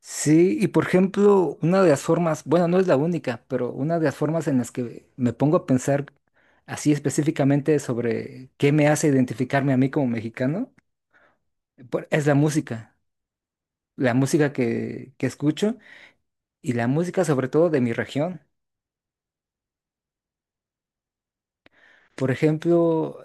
Sí, y por ejemplo, una de las formas, bueno, no es la única, pero una de las formas en las que me pongo a pensar así específicamente sobre qué me hace identificarme a mí como mexicano, es la música que escucho y la música sobre todo de mi región. Por ejemplo,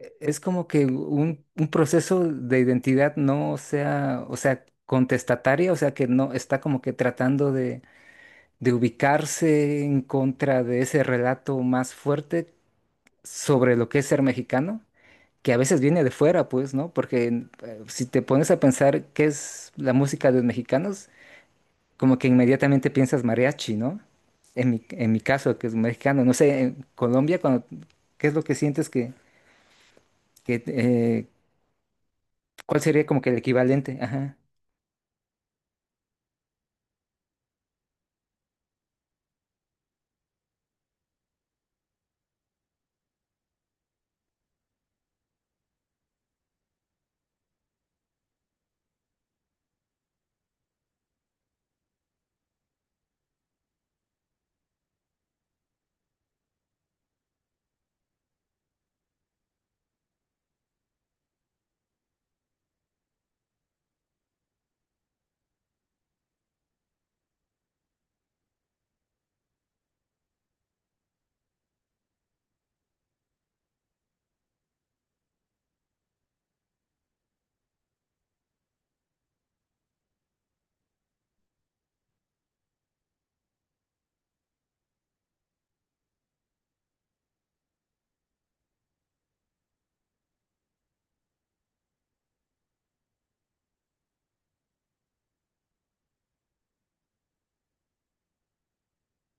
es como que un proceso de identidad no sea, o sea, contestataria, o sea, que no está como que tratando de ubicarse en contra de ese relato más fuerte sobre lo que es ser mexicano, que a veces viene de fuera, pues, ¿no? Porque si te pones a pensar qué es la música de los mexicanos, como que inmediatamente piensas mariachi, ¿no? En mi caso, que es mexicano, no sé, en Colombia, cuando, ¿qué es lo que sientes que, que cuál sería como que el equivalente? Ajá.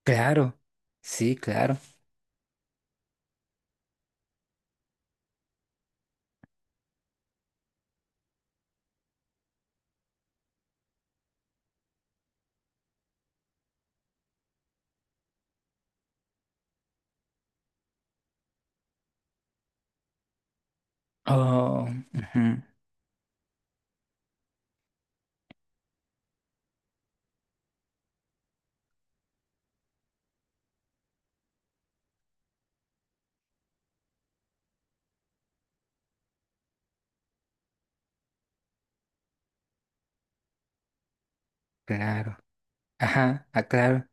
Claro, sí, claro. Oh, ujú, claro. Ajá, ah, claro.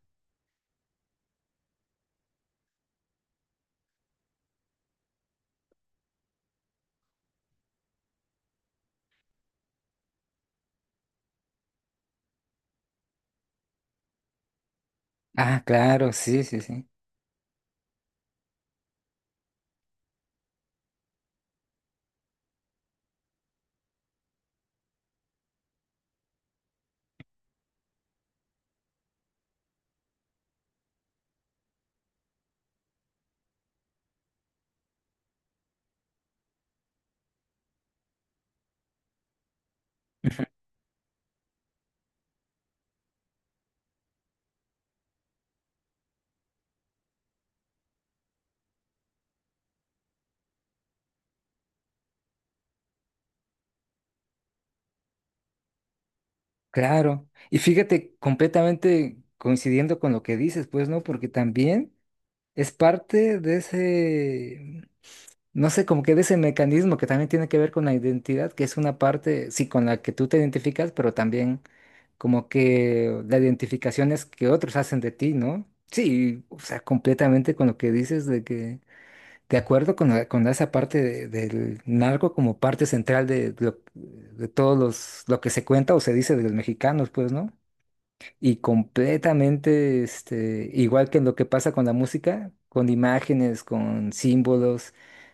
Ah, claro, sí, sí, sí. Ujú. Claro, y fíjate, completamente coincidiendo con lo que dices, pues, ¿no? Porque también es parte de ese, no sé, como que de ese mecanismo que también tiene que ver con la identidad, que es una parte, sí, con la que tú te identificas, pero también como que la identificación es que otros hacen de ti, ¿no? Sí, o sea, completamente con lo que dices de que de acuerdo con, con esa parte del narco como parte central de, de todos los, lo que se cuenta o se dice de los mexicanos, pues, ¿no? Y completamente, este, igual que en lo que pasa con la música, con imágenes, con símbolos,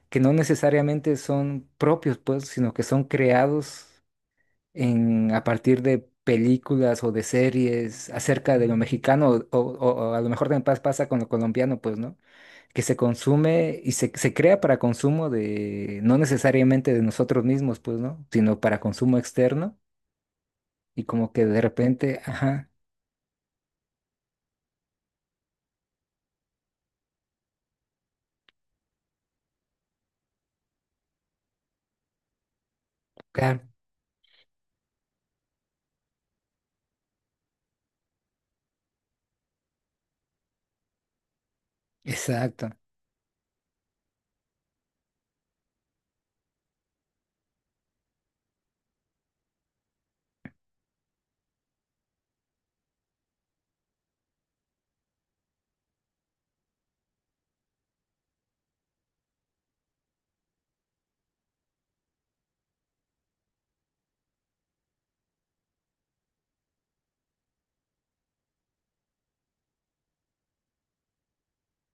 que no necesariamente son propios, pues, sino que son creados en, a partir de películas o de series acerca de lo mexicano, o, o a lo mejor también pasa con lo colombiano, pues, ¿no? Que se consume y se crea para consumo de, no necesariamente de nosotros mismos, pues, ¿no? Sino para consumo externo y como que de repente, ajá, claro, exacto,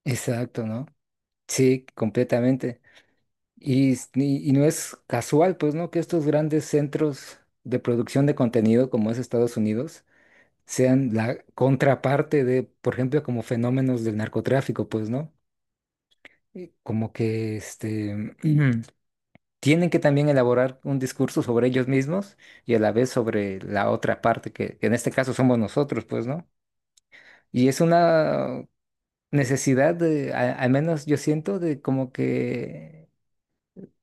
exacto, ¿no? Sí, completamente. Y, y no es casual, pues, ¿no? Que estos grandes centros de producción de contenido como es Estados Unidos sean la contraparte de, por ejemplo, como fenómenos del narcotráfico, pues, ¿no? Y como que, este, tienen que también elaborar un discurso sobre ellos mismos y a la vez sobre la otra parte, que en este caso somos nosotros, pues, ¿no? Y es una necesidad de, al menos yo siento, de como que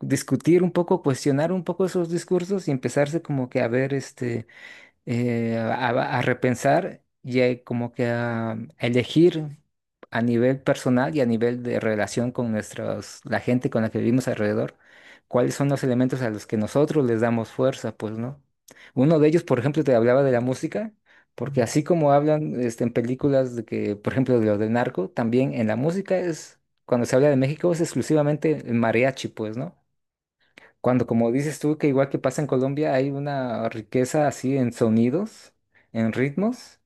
discutir un poco, cuestionar un poco esos discursos y empezarse como que a ver, este eh, a, a repensar y como que a, elegir a nivel personal y a nivel de relación con nuestros, la gente con la que vivimos alrededor, cuáles son los elementos a los que nosotros les damos fuerza, pues, ¿no? Uno de ellos, por ejemplo, te hablaba de la música, porque así como hablan este, en películas de que, por ejemplo, de lo del narco, también en la música es, cuando se habla de México es exclusivamente el mariachi, pues, ¿no? Cuando, como dices tú, que igual que pasa en Colombia, hay una riqueza así en sonidos, en ritmos,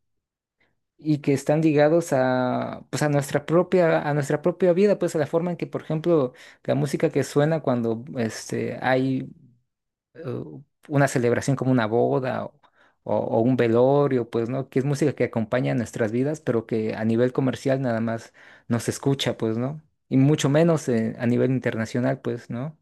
y que están ligados a, pues a nuestra propia vida, pues a la forma en que, por ejemplo, la música que suena cuando este, hay eh, una celebración como una boda o, o un velorio, pues, ¿no? Que es música que acompaña nuestras vidas, pero que a nivel comercial nada más nos escucha, pues, ¿no? Y mucho menos a nivel internacional, pues, ¿no?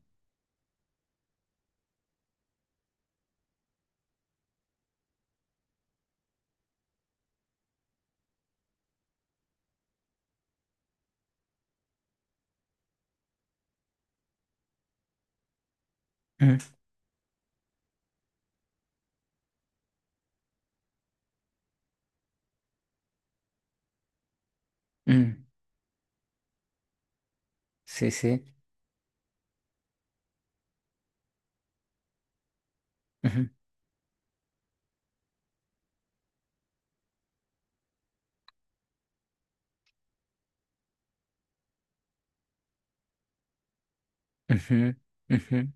Mm, mm, sí, sí. Ujú, ujú, ujú,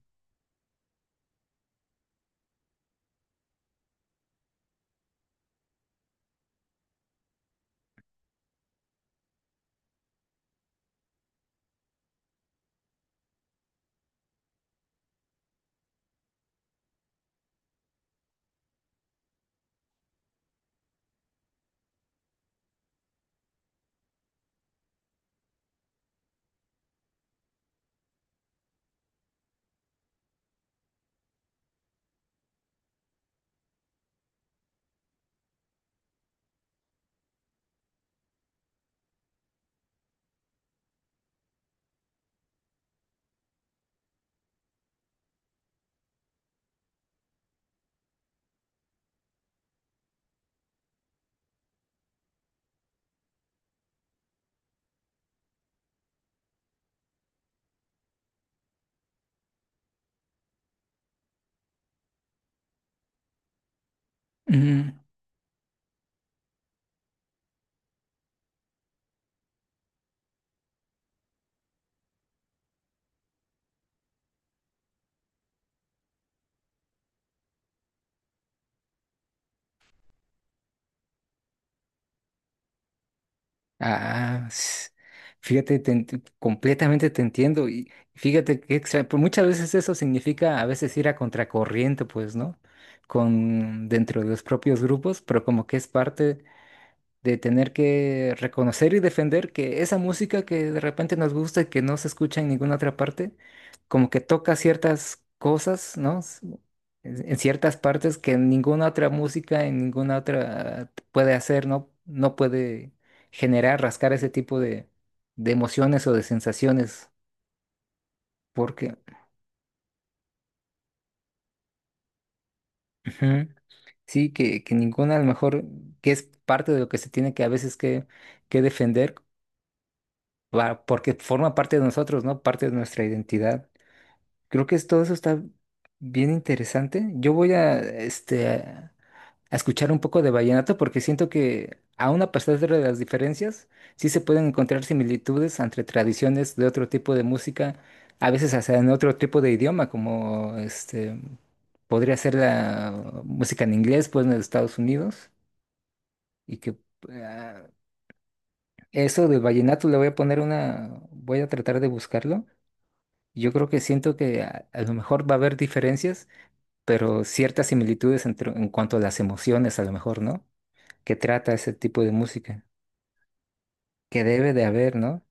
ujú. Ah, fíjate, completamente te entiendo. Y fíjate que pues muchas veces eso significa a veces ir a contracorriente, pues, ¿no? Con dentro de los propios grupos, pero como que es parte de tener que reconocer y defender que esa música que de repente nos gusta y que no se escucha en ninguna otra parte, como que toca ciertas cosas, ¿no? En ciertas partes que ninguna otra música, en ninguna otra puede hacer, ¿no? No puede generar, rascar ese tipo de emociones o de sensaciones, porque ujú, sí, que ninguna a lo mejor, que es parte de lo que se tiene que a veces que defender porque forma parte de nosotros, ¿no? Parte de nuestra identidad. Creo que todo eso está bien interesante. Yo voy a, este, a escuchar un poco de vallenato porque siento que aún a pesar de las diferencias, sí se pueden encontrar similitudes entre tradiciones de otro tipo de música, a veces hasta en otro tipo de idioma, como este, podría ser la música en inglés, pues en los Estados Unidos, y que ah, eso del vallenato le voy a poner una, voy a tratar de buscarlo. Yo creo que siento que a lo mejor va a haber diferencias, pero ciertas similitudes en cuanto a las emociones, a lo mejor, ¿no? Que trata ese tipo de música. Que debe de haber, ¿no?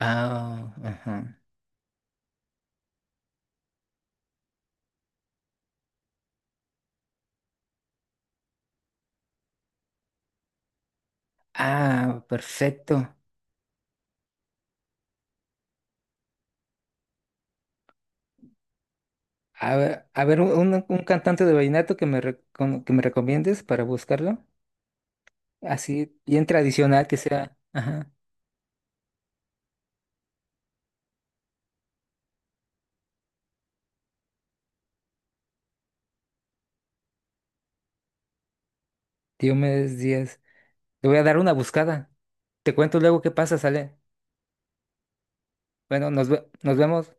Ah, ajá. Ah, perfecto. A ver, un cantante de vallenato que me, que me recomiendes para buscarlo. Así, bien tradicional que sea. Ajá. Diomedes Díaz. Le voy a dar una buscada. Te cuento luego qué pasa, sale. Bueno, nos vemos.